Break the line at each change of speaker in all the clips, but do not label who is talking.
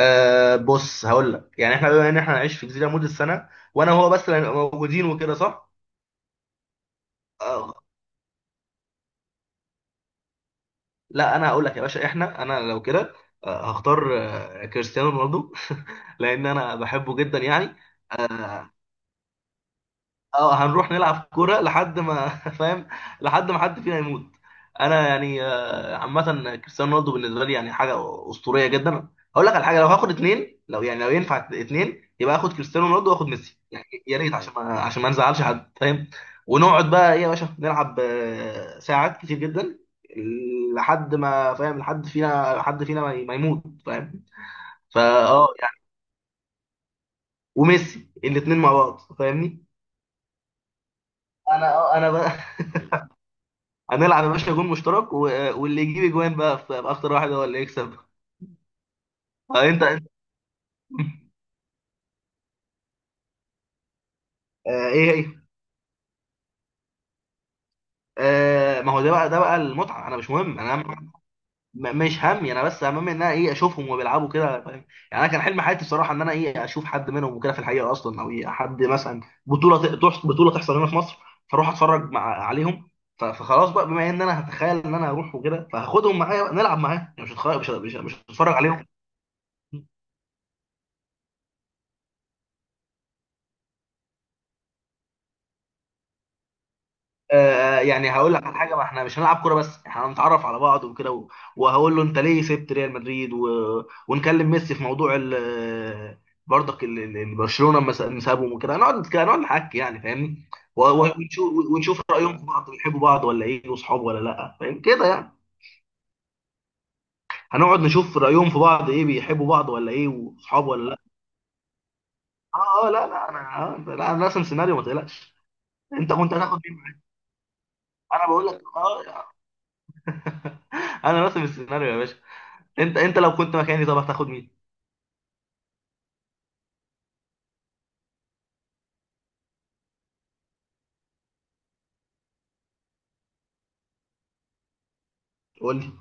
بص هقول لك يعني احنا بما ان احنا هنعيش في جزيره مده سنه، وانا وهو بس اللي هنبقى موجودين وكده صح؟ آه لا انا هقول لك يا باشا انا لو كده هختار كريستيانو رونالدو لان انا بحبه جدا يعني. آه اه هنروح نلعب كوره لحد ما فاهم، لحد ما حد فينا يموت. انا يعني عامه كريستيانو رونالدو بالنسبه لي يعني حاجه اسطوريه جدا. هقول لك على حاجه، لو هاخد اتنين، لو يعني لو ينفع اتنين يبقى اخد كريستيانو رونالدو واخد ميسي يعني، يا ريت عشان ما نزعلش حد فاهم. ونقعد بقى ايه يا باشا نلعب ساعات كتير جدا، لحد ما فاهم، لحد فينا ما يموت فاهم. فا اه يعني وميسي، الاتنين مع بعض فاهمني. انا انا بقى هنلعب يا باشا جون مشترك و... واللي يجيب اجوان بقى في اخطر واحد هو اللي يكسب. آه، انت انت- ايه هي؟ ما هو ده بقى المتعه، انا مش مهم انا. مش همي انا، بس همي ان انا ايه اشوفهم وبيلعبوا كده فاهم. يعني انا كان حلم حياتي بصراحه ان انا ايه اشوف حد منهم وكده، في الحقيقه اصلا، او إيه حد مثلا بطوله بطوله تحصل هنا في مصر، فاروح اتفرج مع عليهم. فخلاص بقى، بما ان انا هتخيل ان انا هروح وكده فهاخدهم معايا بقى نلعب معاهم، يعني مش هتخيل، مش هتفرج عليهم. يعني هقول لك على حاجه، ما احنا مش هنلعب كوره بس، احنا هنتعرف على بعض وكده وهقول له انت ليه سبت ريال مدريد و... ونكلم ميسي في موضوع ال... برضك ال... برشلونه لما سابهم وكده، نقعد نحكي يعني فاهمني. ونشوف رايهم في بعض، بيحبوا بعض ولا ايه، وصحاب ولا لا، فاهم كده يعني. هنقعد نشوف رايهم في بعض ايه، بيحبوا بعض ولا ايه، وصحاب ولا لا. اه اه لا لا انا. لا انا راسم سيناريو ما تقلقش. انت كنت هتاخد مين معاك؟ انا بقول لك انا راسم السيناريو يا باشا. انت لو كنت مكاني طب هتاخد مين؟ قول لي.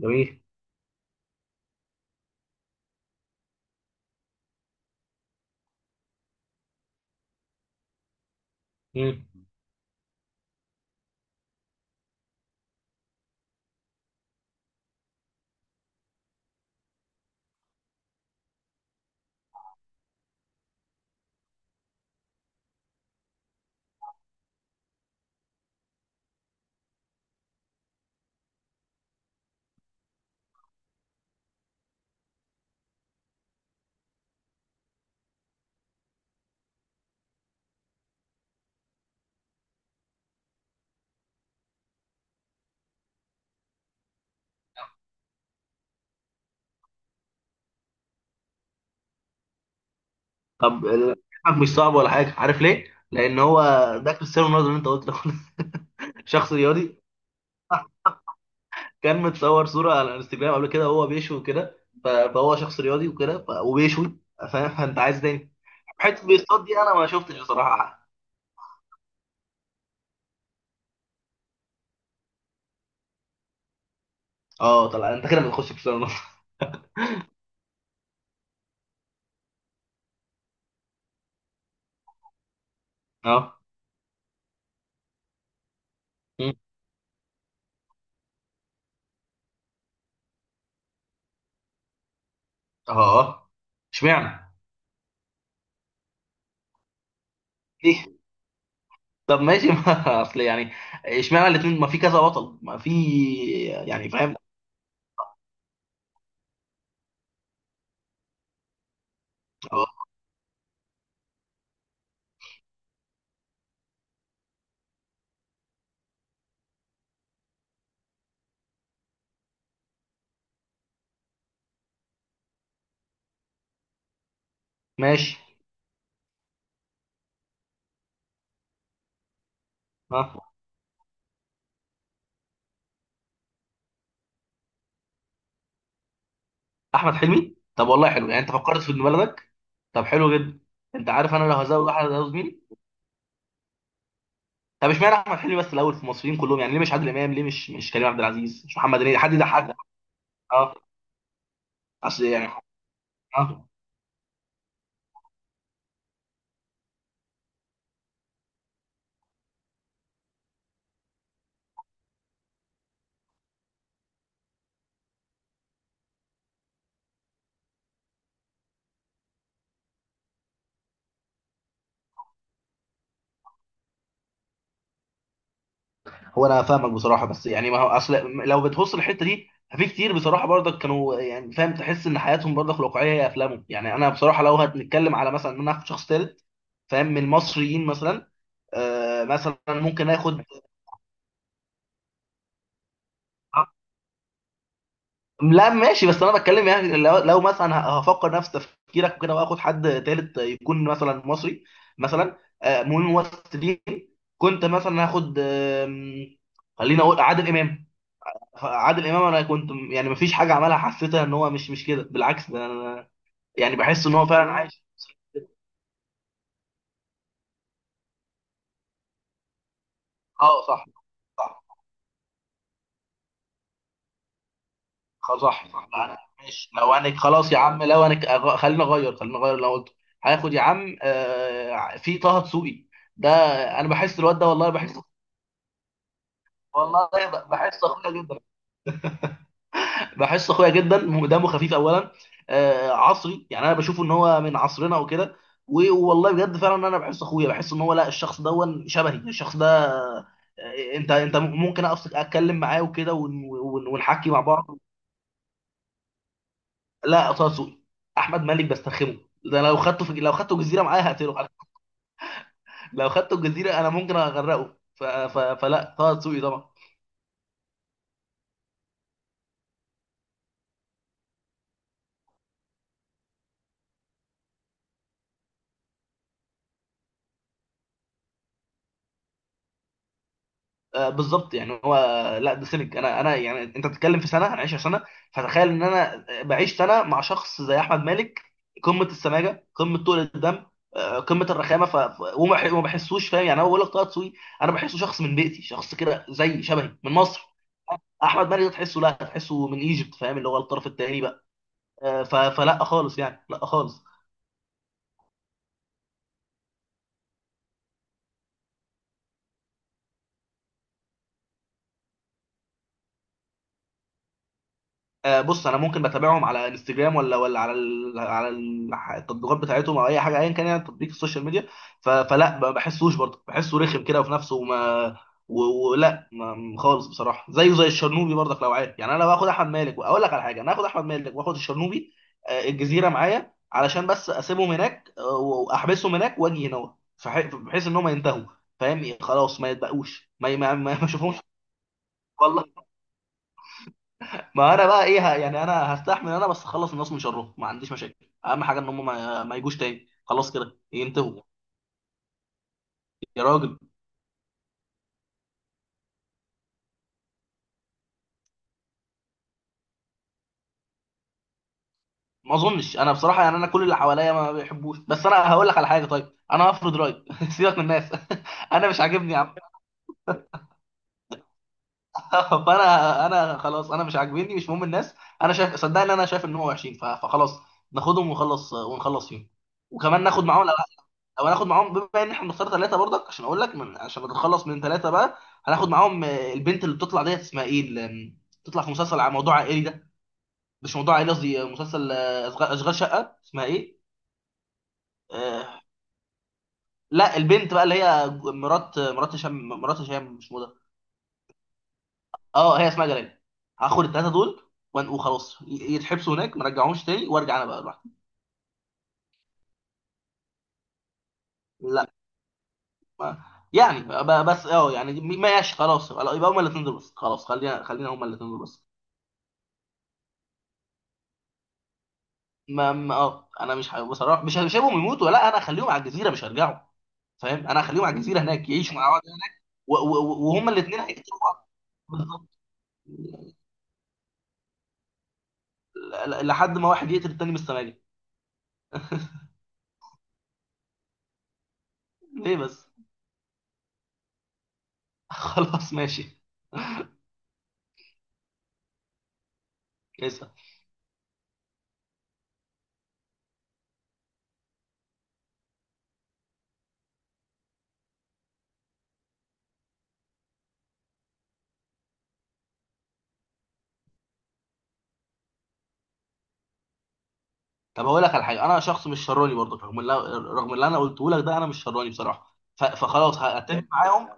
جميل. مم. طب كلامك مش صعب ولا حاجه، عارف ليه، لان هو ده كريستيانو رونالدو اللي انت قلت له. شخص رياضي، كان متصور صوره على الانستجرام قبل كده وهو بيشوي وكده، ف- فهو شخص رياضي وكده ف- وبيشوي فاهم، فانت عايز تاني. حته بيصطاد دي انا ما شفتش بصراحه. اه طلع انت كده بتخش كريستيانو رونالدو. اه. مم. اه. اشمعنى؟ ليه؟ طب ماشي ما اصل يعني، اشمعنى الاثنين، ما في كذا بطل ما في يعني فاهم. اه ماشي. ها. احمد حلمي، طب والله حلو يعني، انت فكرت في ابن بلدك. طب حلو جدا. انت عارف انا لو هزود احمد هزود مين؟ طب اشمعنى احمد حلمي بس الاول في المصريين كلهم يعني؟ ليه مش عادل امام؟ ليه مش كريم عبد العزيز، مش محمد هنيدي، حد يضحكك. اه. اصل يعني. اه. هو انا فاهمك بصراحه، بس يعني ما هو اصل لو بتبص الحته دي ففي كتير بصراحه برضك كانوا يعني فاهم، تحس ان حياتهم برضك الواقعيه هي افلامهم. يعني انا بصراحه لو هنتكلم على مثلا ان انا اخد شخص ثالث فاهم، من المصريين مثلا. مثلا ممكن اخد. لا ماشي، بس انا بتكلم يعني لو، لو مثلا هفكر نفس تفكيرك وكده، واخد حد تالت يكون مثلا مصري، مثلا من الممثلين، كنت مثلا هاخد خليني اقول عادل امام. عادل امام انا كنت يعني مفيش حاجه عملها حسيتها ان هو مش كده، بالعكس، ده انا يعني بحس ان هو فعلا عايش. اه صح. صح. صح صح. يعني ماشي لو انا، خلاص يا عم لو انا خلينا اغير، خلينا اغير اللي انا قلته. هاخد يا عم في طه دسوقي ده، انا بحس الواد ده والله بحس. والله بحس اخويا جدا، بحس اخويا جدا، دمه خفيف اولا، عصري يعني انا بشوف ان هو من عصرنا وكده والله بجد فعلا انا بحس اخويا، بحس ان هو، لا، الشخص ده شبهي، الشخص ده انت ممكن اتكلم معاه وكده ونحكي مع بعض. لا طه دسوقي. احمد مالك بسترخمه، ده لو خدته في، لو خدته جزيره معايا هقتله على فكرة. لو خدته الجزيره انا ممكن اغرقه، فلا طه دسوقي طبعا. بالظبط يعني هو، لا ده سمك. انا يعني انت بتتكلم في سنه، انا 10 سنه، فتخيل ان انا بعيش سنه مع شخص زي احمد مالك، قمه السماجه، قمه طول الدم، قمه الرخامه، وما بحسوش فاهم، يعني انا بقول لك طه دسوقي، انا بحسه شخص من بيتي، شخص كده زي شبهي من مصر. احمد مالك ده تحسه، لا تحسه من ايجيبت، فاهم، اللي هو الطرف الثاني بقى. آه، ف- فلا خالص يعني، لا خالص. بص انا ممكن بتابعهم على انستجرام، ولا على التطبيقات بتاعتهم او اي حاجه ايا كان يعني تطبيق السوشيال ميديا، فلا ما بحسوش برضه، بحسه رخم كده وفي نفسه وما و- ولا ما- خالص بصراحه، زيه زي الشرنوبي برضك لو عارف. يعني انا لو هاخد احمد مالك، واقول لك على حاجه، انا هاخد احمد مالك واخد الشرنوبي الجزيره معايا، علشان بس اسيبهم هناك واحبسهم هناك واجي هنا، بحيث ان هم ينتهوا فاهم، خلاص ما يتبقوش، ما اشوفهمش. والله ما انا بقى ايه يعني انا هستحمل، انا بس اخلص الناس من شرهم، ما عنديش مشاكل، اهم حاجه ان هم ما يجوش تاني، خلاص كده ينتهوا. يا راجل ما اظنش، انا بصراحه يعني انا كل اللي حواليا ما بيحبوش، بس انا هقول لك على حاجه، طيب انا هفرض رايي سيبك من الناس. انا مش عاجبني يا عم. فانا خلاص، انا مش عاجبني، مش مهم الناس، انا شايف، صدقني انا شايف ان هو وحشين، فخلاص ناخدهم ونخلص ونخلص فيهم. وكمان ناخد معاهم، او هناخد معاهم، بما ان احنا بنختار ثلاثه برضك، عشان اقول لك، من عشان نتخلص من ثلاثه بقى. هناخد معاهم البنت اللي بتطلع ديت اسمها ايه، اللي بتطلع في مسلسل على موضوع عائلي ده، مش موضوع عائلي، قصدي مسلسل اشغال شقه، اسمها ايه؟ آه لا البنت بقى اللي هي مرات، مرات هشام، مرات هشام مش موضة. اه هي اسمها جلال. هاخد الثلاثه دول وخلاص يتحبسوا هناك، ما رجعهمش تاني، وارجع انا بقى لوحدي. لا ما- يعني بس يعني ماشي خلاص، يبقى هما الاثنين دول بس. خلاص خلينا هما الاثنين دول بس. انا مش ه- بصراحه مش هسيبهم يموتوا، لا انا هخليهم على الجزيره، مش هرجعوا فاهم، انا هخليهم على الجزيره هناك، يعيشوا مع بعض وهما الاثنين هيقتلوا بعض. بالظبط لحد ما واحد يقتل التاني من السماجه. ليه بس؟ خلاص ماشي. اسال. طب هقول لك على حاجه، انا شخص مش شراني برضه، رغم اللي انا قلته لك ده، انا مش شراني بصراحه، فخلاص هتفق معاهم.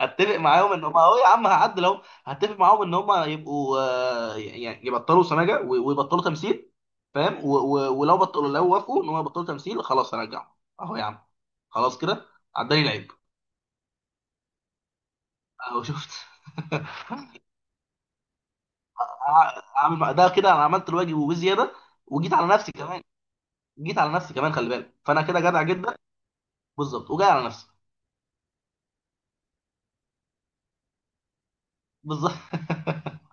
اتفق معاهم ان هم، اهو يا عم هعدل، اهو هتفق معاهم ان هم يبقوا يعني يبطلوا سماجه و- ويبطلوا تمثيل فاهم، و- و- ولو بطلوا لو وافقوا ان هم يبطلوا تمثيل خلاص هرجعهم. اهو يا عم خلاص كده، عداني العيب. اهو شفت. ده كده انا عملت الواجب وبزياده، وجيت على نفسي كمان. جيت على نفسي كمان، خلي بالك، فانا كده جدع جدا. بالظبط، وجاي على نفسي. بالظبط.